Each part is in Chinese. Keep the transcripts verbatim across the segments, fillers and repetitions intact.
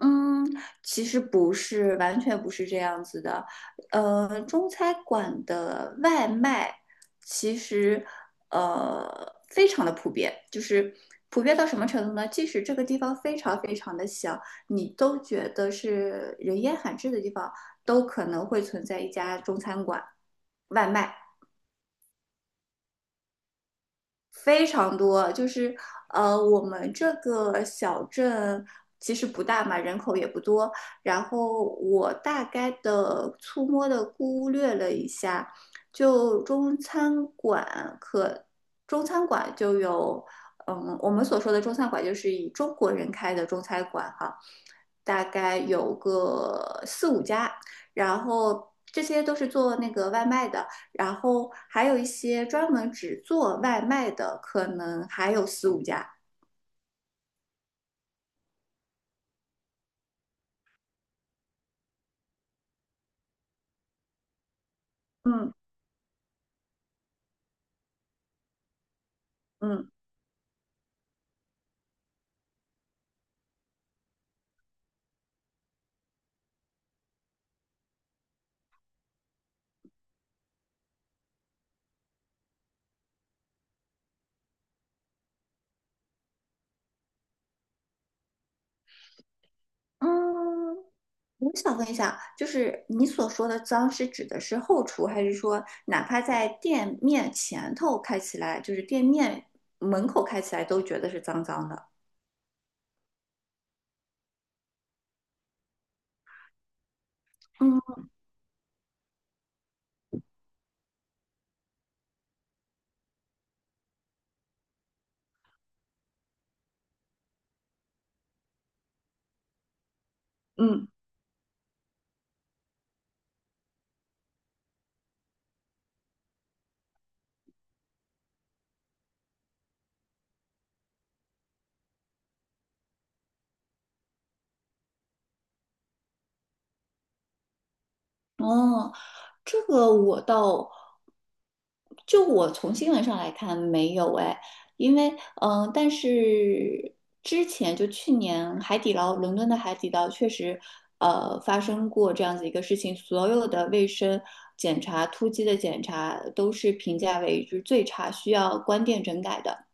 嗯，其实不是，完全不是这样子的。呃，中餐馆的外卖其实呃非常的普遍，就是普遍到什么程度呢？即使这个地方非常非常的小，你都觉得是人烟罕至的地方，都可能会存在一家中餐馆外卖。非常多，就是呃，我们这个小镇其实不大嘛，人口也不多。然后我大概的粗摸的估略了一下，就中餐馆可中餐馆就有，嗯，我们所说的中餐馆就是以中国人开的中餐馆哈，大概有个四五家，然后这些都是做那个外卖的。然后还有一些专门只做外卖的，可能还有四五家。嗯嗯嗯，我想问一下，就是你所说的脏是指的是后厨，还是说哪怕在店面前头开起来，就是店面门口开起来都觉得是脏脏的？嗯嗯。哦，这个我倒，就我从新闻上来看没有哎，因为嗯、呃但是之前就去年海底捞，伦敦的海底捞确实呃发生过这样子一个事情，所有的卫生检查、突击的检查都是评价为就是最差，需要关店整改的。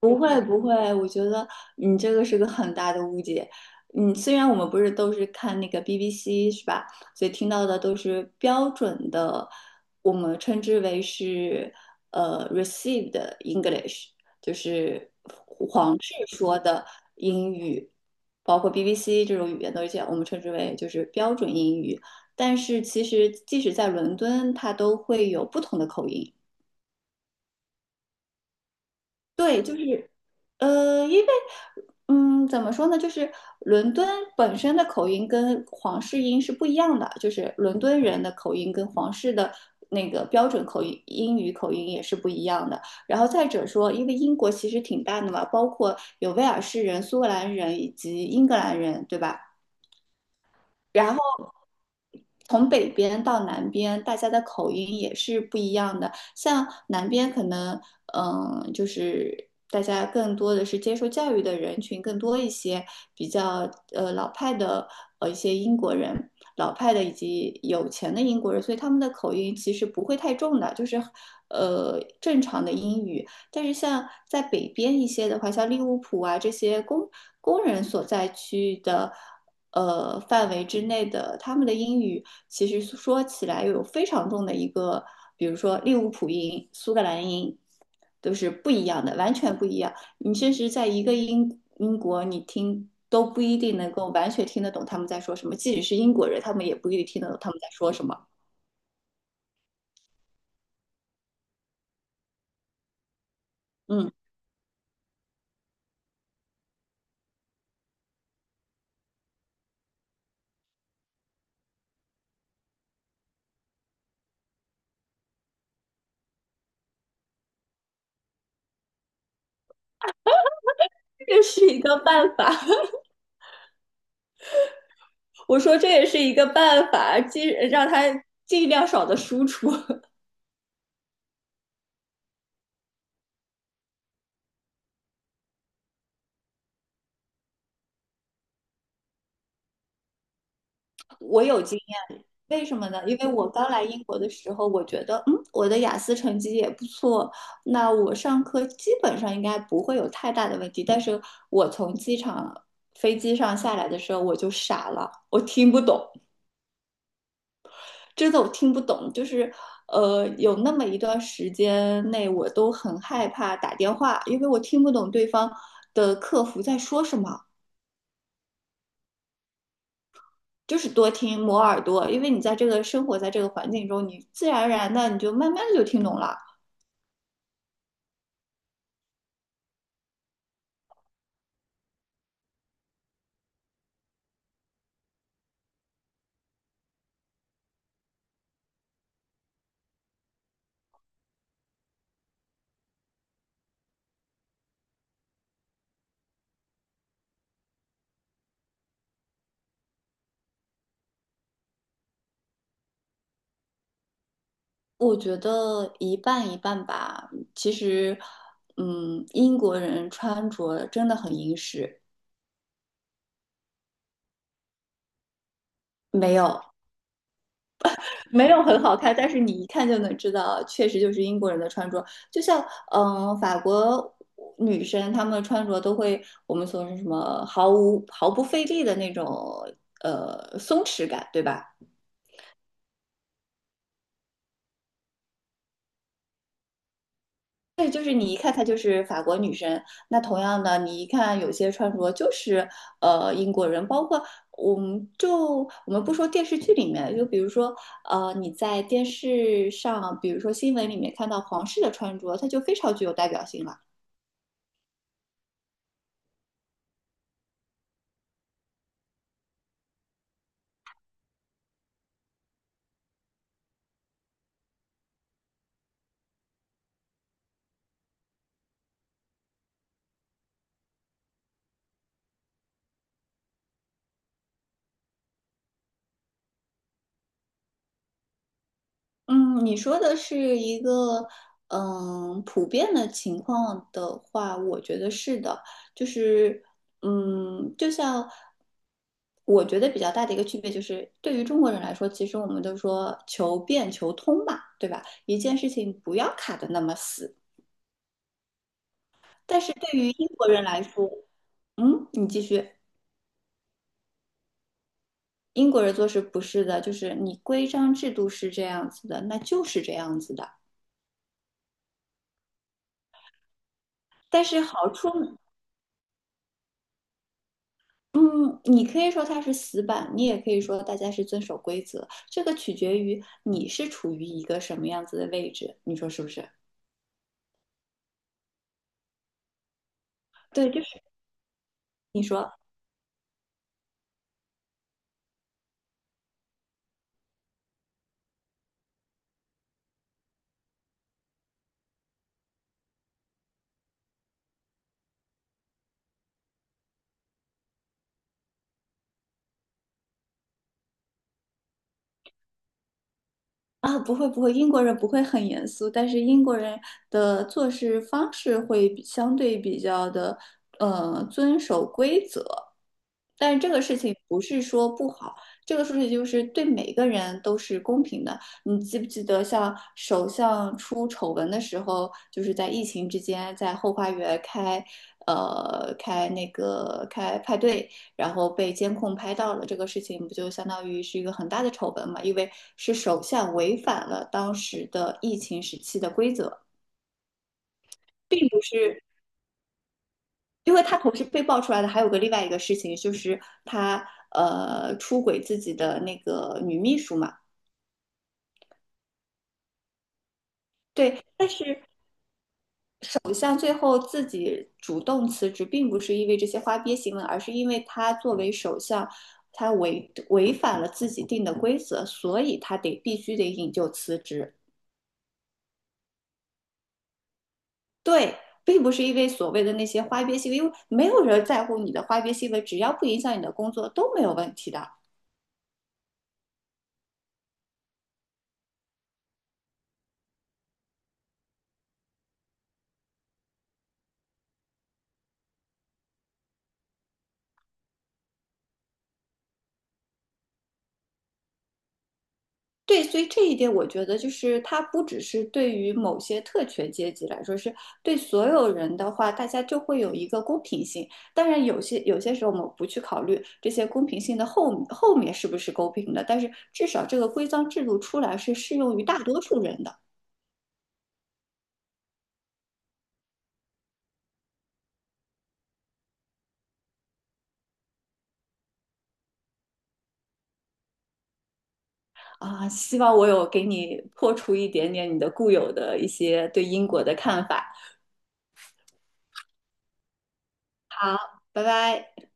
不会不会，我觉得你这个是个很大的误解。嗯，虽然我们不是都是看那个 B B C 是吧？所以听到的都是标准的，我们称之为是呃 received English，就是皇室说的英语，包括 B B C 这种语言都是这样，我们称之为就是标准英语。但是其实即使在伦敦，它都会有不同的口音。对，就。呃，因为，嗯，怎么说呢，就是伦敦本身的口音跟皇室音是不一样的，就是伦敦人的口音跟皇室的那个标准口音英语口音也是不一样的。然后再者说，因为英国其实挺大的嘛，包括有威尔士人、苏格兰人以及英格兰人，对吧？然后。从北边到南边，大家的口音也是不一样的。像南边可能，嗯，就是大家更多的是接受教育的人群更多一些，比较呃老派的呃一些英国人，老派的以及有钱的英国人，所以他们的口音其实不会太重的，就是呃正常的英语。但是像在北边一些的话，像利物浦啊这些工工人所在区的。呃范围之内的，他们的英语其实说起来有非常重的一个，比如说利物浦音、苏格兰音，都是不一样的，完全不一样。你甚至在一个英英国，你听都不一定能够完全听得懂他们在说什么，即使是英国人，他们也不一定听得懂他们在说什么。嗯，这是一个办法，我说这也是一个办法，尽让他尽量少的输出。我有经验，为什么呢？因为我刚来英国的时候，我觉得，嗯，我的雅思成绩也不错，那我上课基本上应该不会有太大的问题。但是我从机场飞机上下来的时候，我就傻了，我听不懂，真的我听不懂，就是。呃，有那么一段时间内，我都很害怕打电话，因为我听不懂对方的客服在说什么。就是多听磨耳朵，因为你在这个生活在这个环境中，你自然而然的你就慢慢的就听懂了。我觉得一半一半吧。其实，嗯，英国人穿着真的很英式，没有没有很好看，但是你一看就能知道，确实就是英国人的穿着。就像嗯，呃法国女生她们穿着都会我们说是什么毫无毫不费力的那种呃松弛感，对吧？对，就是你一看她就是法国女生，那同样的，你一看有些穿着就是呃英国人，包括我们就我们不说电视剧里面，就比如说呃你在电视上，比如说新闻里面看到皇室的穿着，它就非常具有代表性了。嗯，你说的是一个嗯普遍的情况的话，我觉得是的，就是嗯，就像我觉得比较大的一个区别就是，对于中国人来说，其实我们都说求变求通嘛，对吧？一件事情不要卡得那么死。但是对于英国人来说，嗯，你继续，英国人做事不是的，就是你规章制度是这样子的，那就是这样子的。但是好处呢嗯，你可以说它是死板，你也可以说大家是遵守规则，这个取决于你是处于一个什么样子的位置，你说是不是？对，就是你说。啊，不会不会，英国人不会很严肃，但是英国人的做事方式会比相对比较的，呃，遵守规则。但是这个事情不是说不好，这个事情就是对每个人都是公平的。你记不记得，像首相出丑闻的时候，就是在疫情之间，在后花园开，呃，开那个开派对，然后被监控拍到了，这个事情不就相当于是一个很大的丑闻嘛？因为是首相违反了当时的疫情时期的规则，并不是，因为他同时被爆出来的还有个另外一个事情，就是他呃出轨自己的那个女秘书嘛。对，但是首相最后自己主动辞职，并不是因为这些花边新闻，而是因为他作为首相，他违违反了自己定的规则，所以他得必须得引咎辞职。对，并不是因为所谓的那些花边新闻，因为没有人在乎你的花边新闻，只要不影响你的工作都没有问题的。对，所以这一点我觉得就是它不只是对于某些特权阶级来说，是对所有人的话，大家就会有一个公平性。当然，有些有些时候我们不去考虑这些公平性的后后面是不是公平的，但是至少这个规章制度出来是适用于大多数人的啊。希望我有给你破除一点点你的固有的一些对英国的看法。好，拜拜。